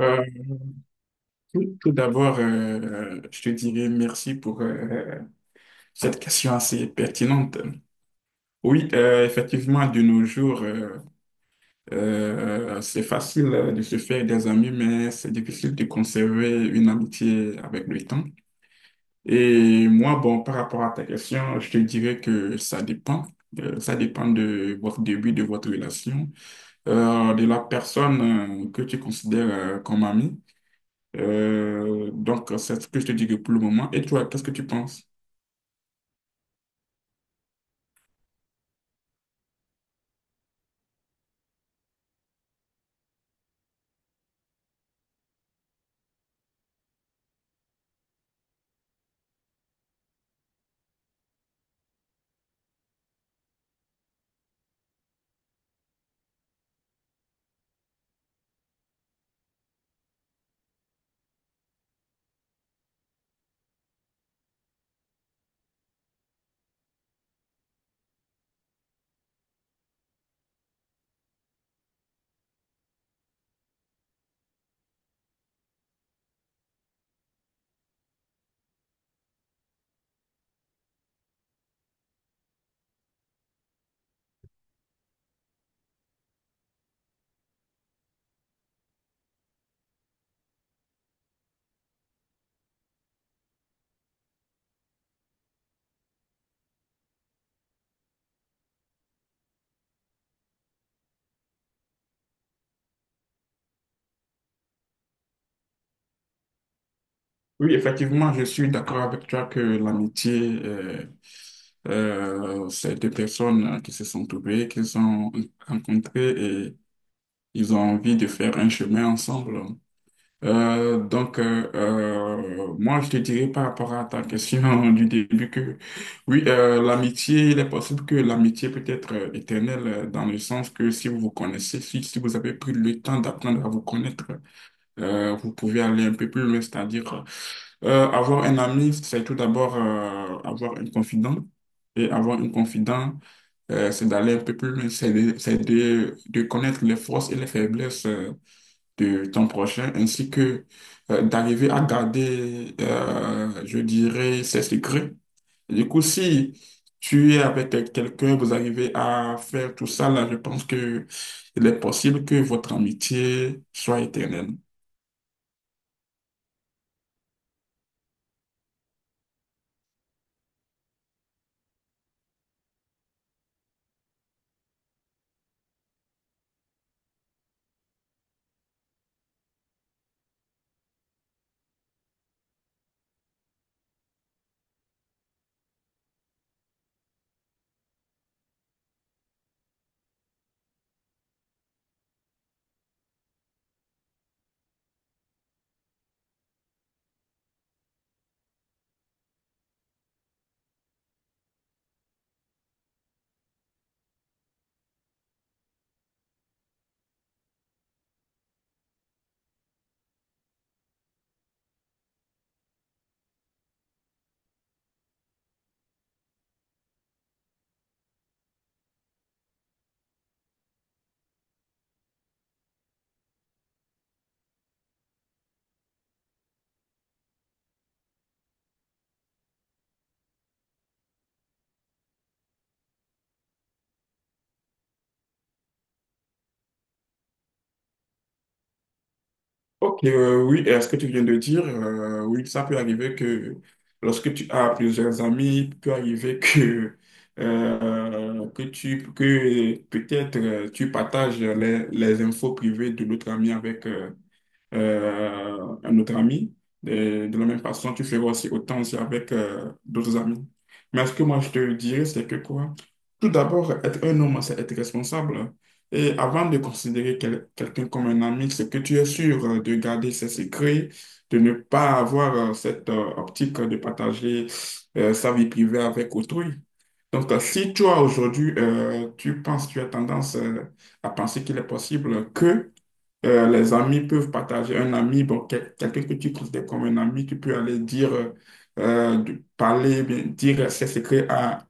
Euh, tout d'abord, je te dirais merci pour cette question assez pertinente. Oui, effectivement, de nos jours, c'est facile de se faire des amis, mais c'est difficile de conserver une amitié avec le temps. Et moi, bon, par rapport à ta question, je te dirais que ça dépend. Ça dépend de votre début, de votre relation, de la personne que tu considères comme amie. Donc, c'est ce que je te dirais pour le moment. Et toi, qu'est-ce que tu penses? Oui, effectivement, je suis d'accord avec toi que l'amitié, c'est deux personnes qui se sont trouvées, qui se sont rencontrées et ils ont envie de faire un chemin ensemble. Donc, moi, je te dirais par rapport à ta question du début que, oui, l'amitié, il est possible que l'amitié peut être éternelle dans le sens que si vous vous connaissez, si vous avez pris le temps d'apprendre à vous connaître, vous pouvez aller un peu plus loin, c'est-à-dire avoir un ami, c'est tout d'abord avoir un confident. Et avoir un confident, c'est d'aller un peu plus loin, c'est de connaître les forces et les faiblesses de ton prochain, ainsi que d'arriver à garder, je dirais, ses secrets. Du coup, si tu es avec quelqu'un, vous arrivez à faire tout ça, là, je pense que il est possible que votre amitié soit éternelle. Ok, oui, et ce que tu viens de dire, oui, ça peut arriver que lorsque tu as plusieurs amis, il peut arriver que, que peut-être tu partages les infos privées de l'autre ami avec, un autre ami. De la même façon, tu feras aussi autant aussi avec d'autres amis. Mais ce que moi, je te dirais, c'est que quoi? Tout d'abord, être un homme, c'est être responsable. Et avant de considérer quelqu'un comme un ami, c'est que tu es sûr de garder ses secrets, de ne pas avoir cette optique de partager sa vie privée avec autrui. Donc, si toi, aujourd'hui, tu penses, tu as tendance à penser qu'il est possible que les amis peuvent partager. Un ami, bon, quelqu'un que tu considères comme un ami, tu peux aller dire, parler, bien, dire ses secrets à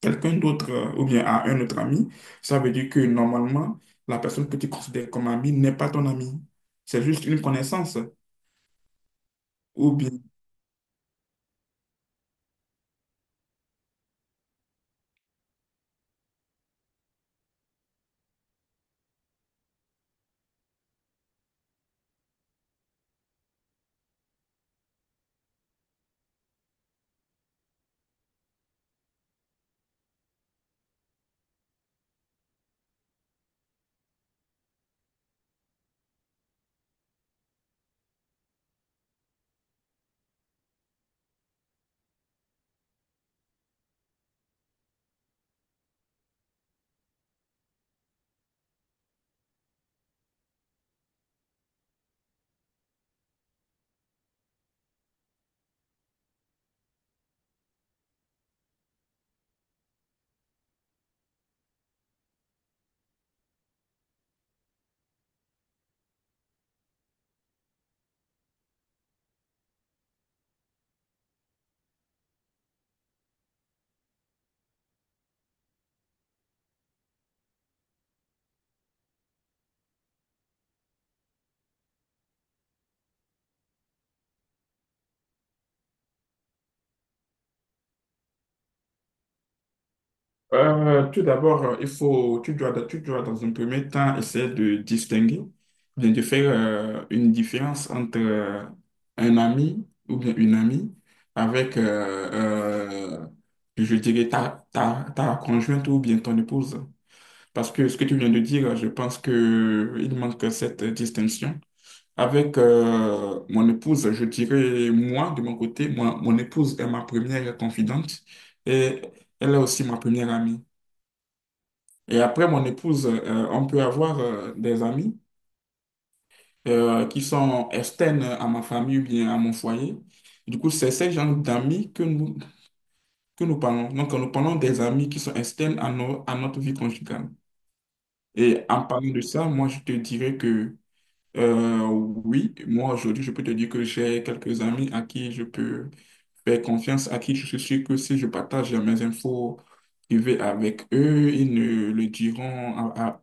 quelqu'un d'autre ou bien à un autre ami. Ça veut dire que normalement, la personne que tu considères comme ami n'est pas ton ami. C'est juste une connaissance. Ou bien, tout d'abord, il faut, tu dois dans un premier temps essayer de distinguer, bien de faire une différence entre un ami ou bien une amie avec, je dirais, ta conjointe ou bien ton épouse. Parce que ce que tu viens de dire, je pense que il manque cette distinction. Avec mon épouse, je dirais, moi, de mon côté, moi, mon épouse est ma première confidente et elle est aussi ma première amie. Et après, mon épouse, on peut avoir des amis qui sont externes à ma famille ou bien à mon foyer. Du coup, c'est ce genre d'amis que nous parlons. Donc, nous parlons des amis qui sont externes à, à notre vie conjugale. Et en parlant de ça, moi, je te dirais que oui, moi, aujourd'hui, je peux te dire que j'ai quelques amis à qui je peux faire confiance, à qui je suis sûr que si je partage mes infos privées avec eux, ils ne le diront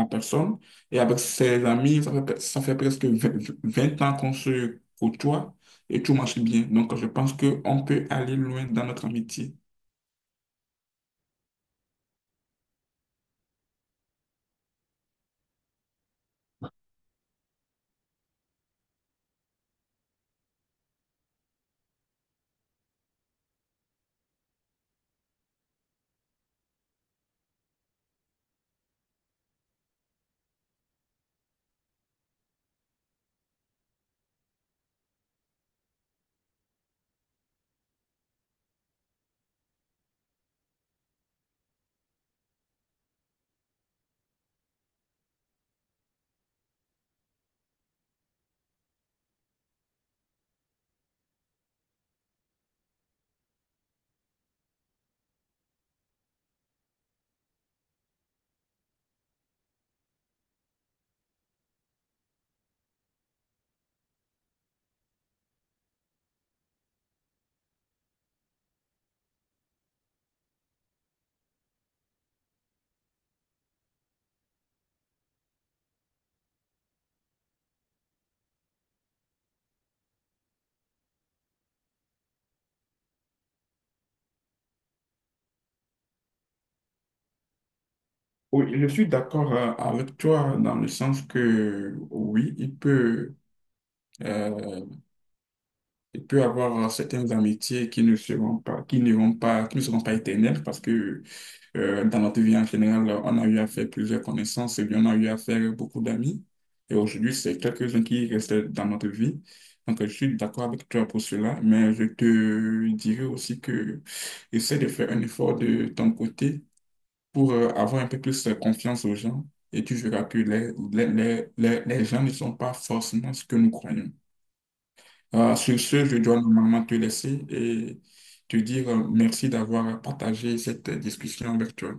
à personne. Et avec ses amis, ça fait presque vingt ans qu'on se côtoie et tout marche bien. Donc, je pense qu'on peut aller loin dans notre amitié. Oui, je suis d'accord avec toi dans le sens que oui, il peut. euh, Il peut y avoir certaines amitiés qui ne seront pas, qui ne vont pas, qui ne seront pas éternelles parce que dans notre vie en général, on a eu à faire plusieurs connaissances et puis on a eu à faire beaucoup d'amis. Et aujourd'hui, c'est quelques-uns qui restent dans notre vie. Donc, je suis d'accord avec toi pour cela, mais je te dirais aussi que essaie de faire un effort de ton côté pour avoir un peu plus confiance aux gens et tu verras que les gens ne sont pas forcément ce que nous croyons. Sur ce, je dois normalement te laisser et te dire merci d'avoir partagé cette discussion virtuelle.